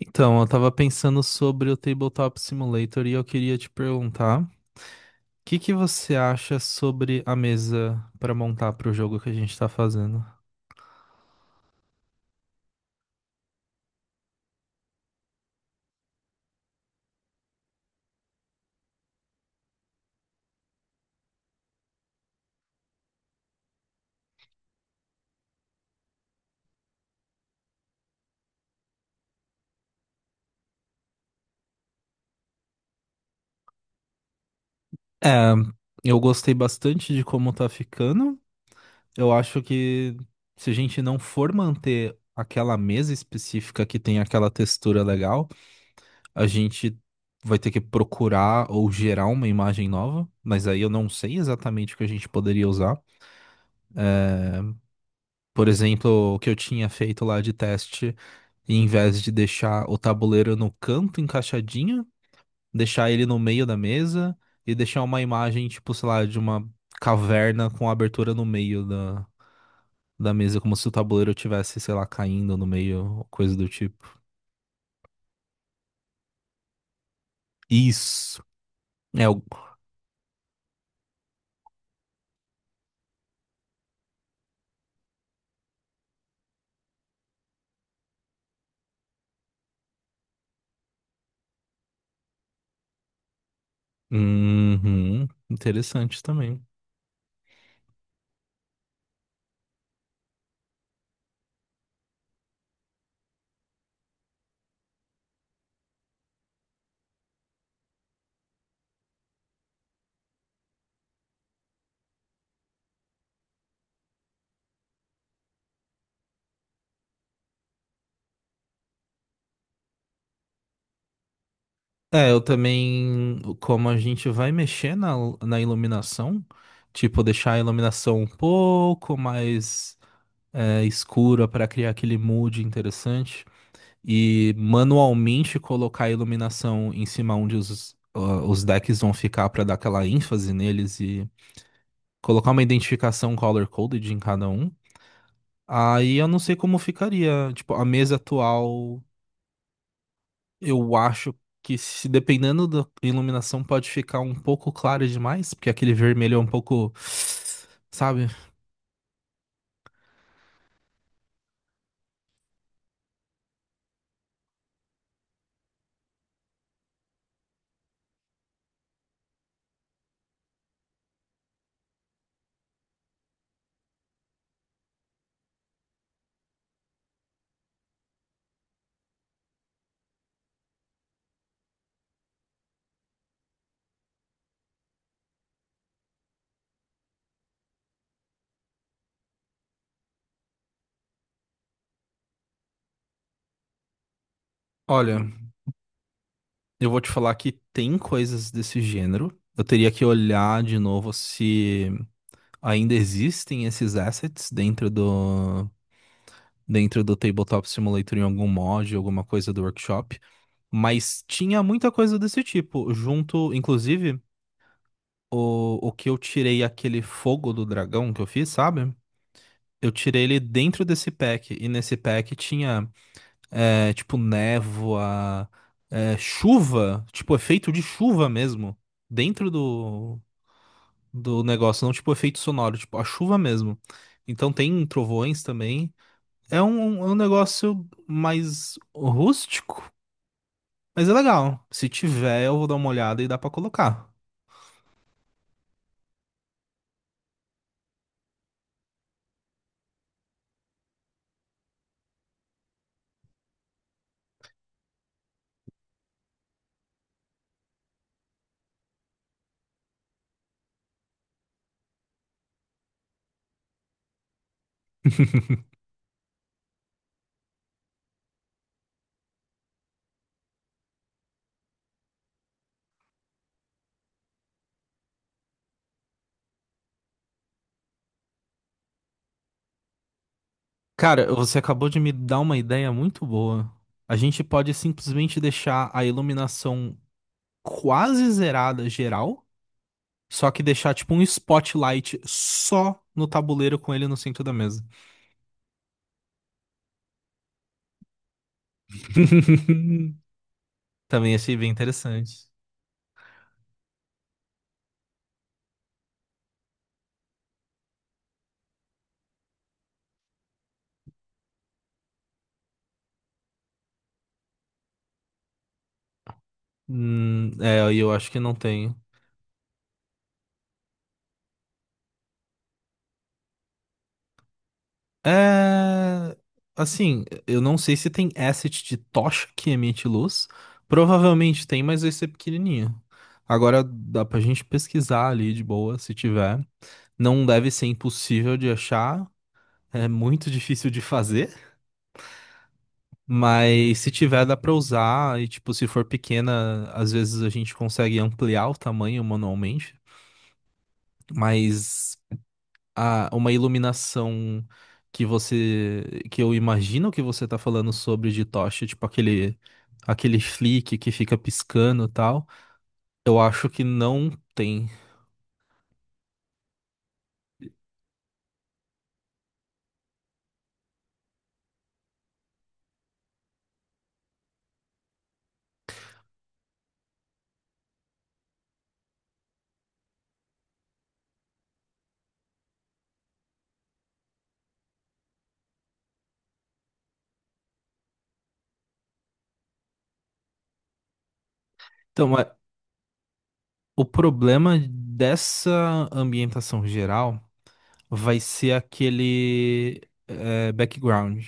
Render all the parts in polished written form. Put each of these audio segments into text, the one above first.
Então, eu tava pensando sobre o Tabletop Simulator e eu queria te perguntar, o que você acha sobre a mesa pra montar pro jogo que a gente tá fazendo? É, eu gostei bastante de como tá ficando. Eu acho que se a gente não for manter aquela mesa específica que tem aquela textura legal, a gente vai ter que procurar ou gerar uma imagem nova, mas aí eu não sei exatamente o que a gente poderia usar. Por exemplo, o que eu tinha feito lá de teste. E em vez de deixar o tabuleiro no canto encaixadinho, deixar ele no meio da mesa e deixar uma imagem, tipo, sei lá, de uma caverna com a abertura no meio da mesa, como se o tabuleiro tivesse, sei lá, caindo no meio, coisa do tipo. Isso. É o. Uhum. Interessante também. É, eu também, como a gente vai mexer na iluminação, tipo, deixar a iluminação um pouco mais escura para criar aquele mood interessante e manualmente colocar a iluminação em cima onde os os decks vão ficar para dar aquela ênfase neles e colocar uma identificação color-coded em cada um. Aí eu não sei como ficaria. Tipo, a mesa atual, eu acho que se dependendo da iluminação pode ficar um pouco clara demais, porque aquele vermelho é um pouco, sabe? Olha, eu vou te falar que tem coisas desse gênero. Eu teria que olhar de novo se ainda existem esses assets dentro do Tabletop Simulator em algum mod, alguma coisa do workshop. Mas tinha muita coisa desse tipo, junto, inclusive, o que eu tirei aquele fogo do dragão que eu fiz, sabe? Eu tirei ele dentro desse pack, e nesse pack tinha, tipo, névoa, chuva, tipo, efeito de chuva mesmo dentro do negócio, não tipo efeito sonoro, tipo a chuva mesmo. Então tem trovões também. É um negócio mais rústico, mas é legal. Se tiver, eu vou dar uma olhada e dá pra colocar. Cara, você acabou de me dar uma ideia muito boa. A gente pode simplesmente deixar a iluminação quase zerada geral, só que deixar tipo um spotlight só no tabuleiro com ele no centro da mesa. Também achei bem interessante. É, e eu acho que não tem. É. Assim, eu não sei se tem asset de tocha que emite luz. Provavelmente tem, mas vai ser pequenininho. Agora dá pra gente pesquisar ali de boa, se tiver. Não deve ser impossível de achar. É muito difícil de fazer. Mas se tiver, dá pra usar. E, tipo, se for pequena, às vezes a gente consegue ampliar o tamanho manualmente. Mas. Uma iluminação que você que eu imagino que você tá falando sobre de tocha, tipo aquele flick que fica piscando e tal. Eu acho que não tem. Então, o problema dessa ambientação geral vai ser aquele background.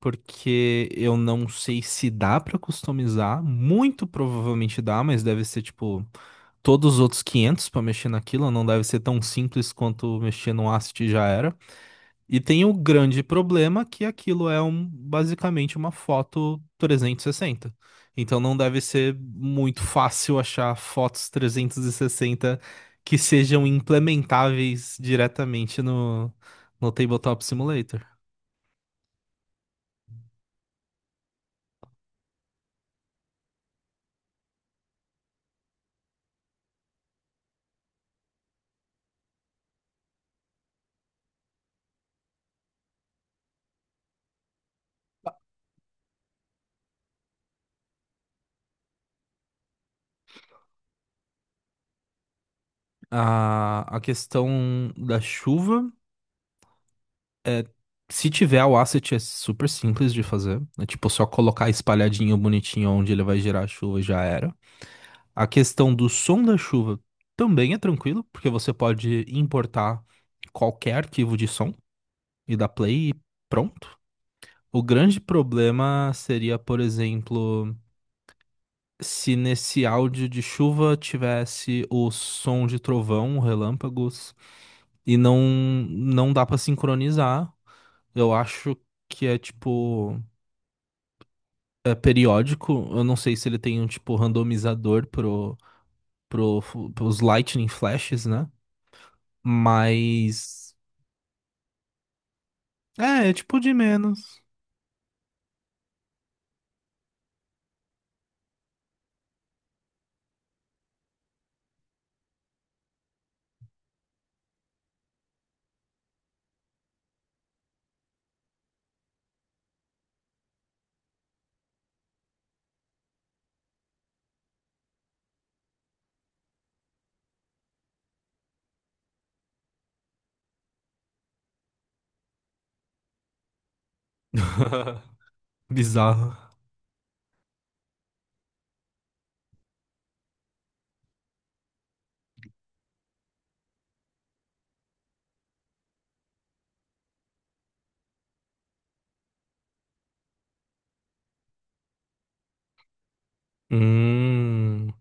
Porque eu não sei se dá pra customizar, muito provavelmente dá, mas deve ser tipo todos os outros 500 para mexer naquilo, não deve ser tão simples quanto mexer no Asset já era. E tem o grande problema que aquilo é basicamente uma foto 360. Então não deve ser muito fácil achar fotos 360 que sejam implementáveis diretamente no Tabletop Simulator. A questão da chuva. Se tiver o asset, é super simples de fazer. É tipo só colocar espalhadinho bonitinho onde ele vai gerar a chuva já era. A questão do som da chuva também é tranquilo, porque você pode importar qualquer arquivo de som e dar play e pronto. O grande problema seria, por exemplo, se nesse áudio de chuva tivesse o som de trovão, relâmpagos, e não dá pra sincronizar. Eu acho que é tipo periódico. Eu não sei se ele tem um tipo randomizador pro, pro, pros Lightning Flashes, né? Mas. É tipo de menos. Bizarro. Hum.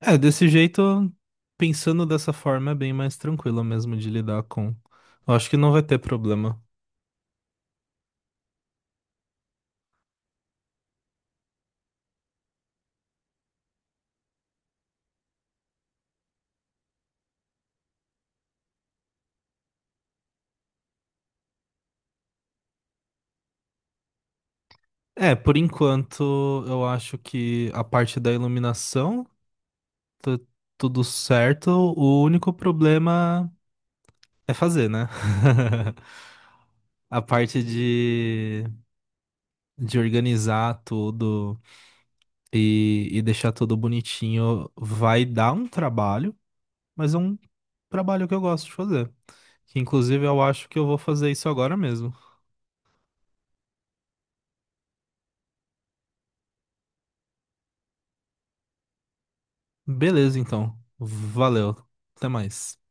É, desse jeito, pensando dessa forma, é bem mais tranquilo mesmo de lidar com. Eu acho que não vai ter problema. É, por enquanto, eu acho que a parte da iluminação tá tudo certo. O único problema é fazer, né? A parte de organizar tudo e deixar tudo bonitinho vai dar um trabalho, mas é um trabalho que eu gosto de fazer. Que, inclusive, eu acho que eu vou fazer isso agora mesmo. Beleza, então. Valeu. Até mais.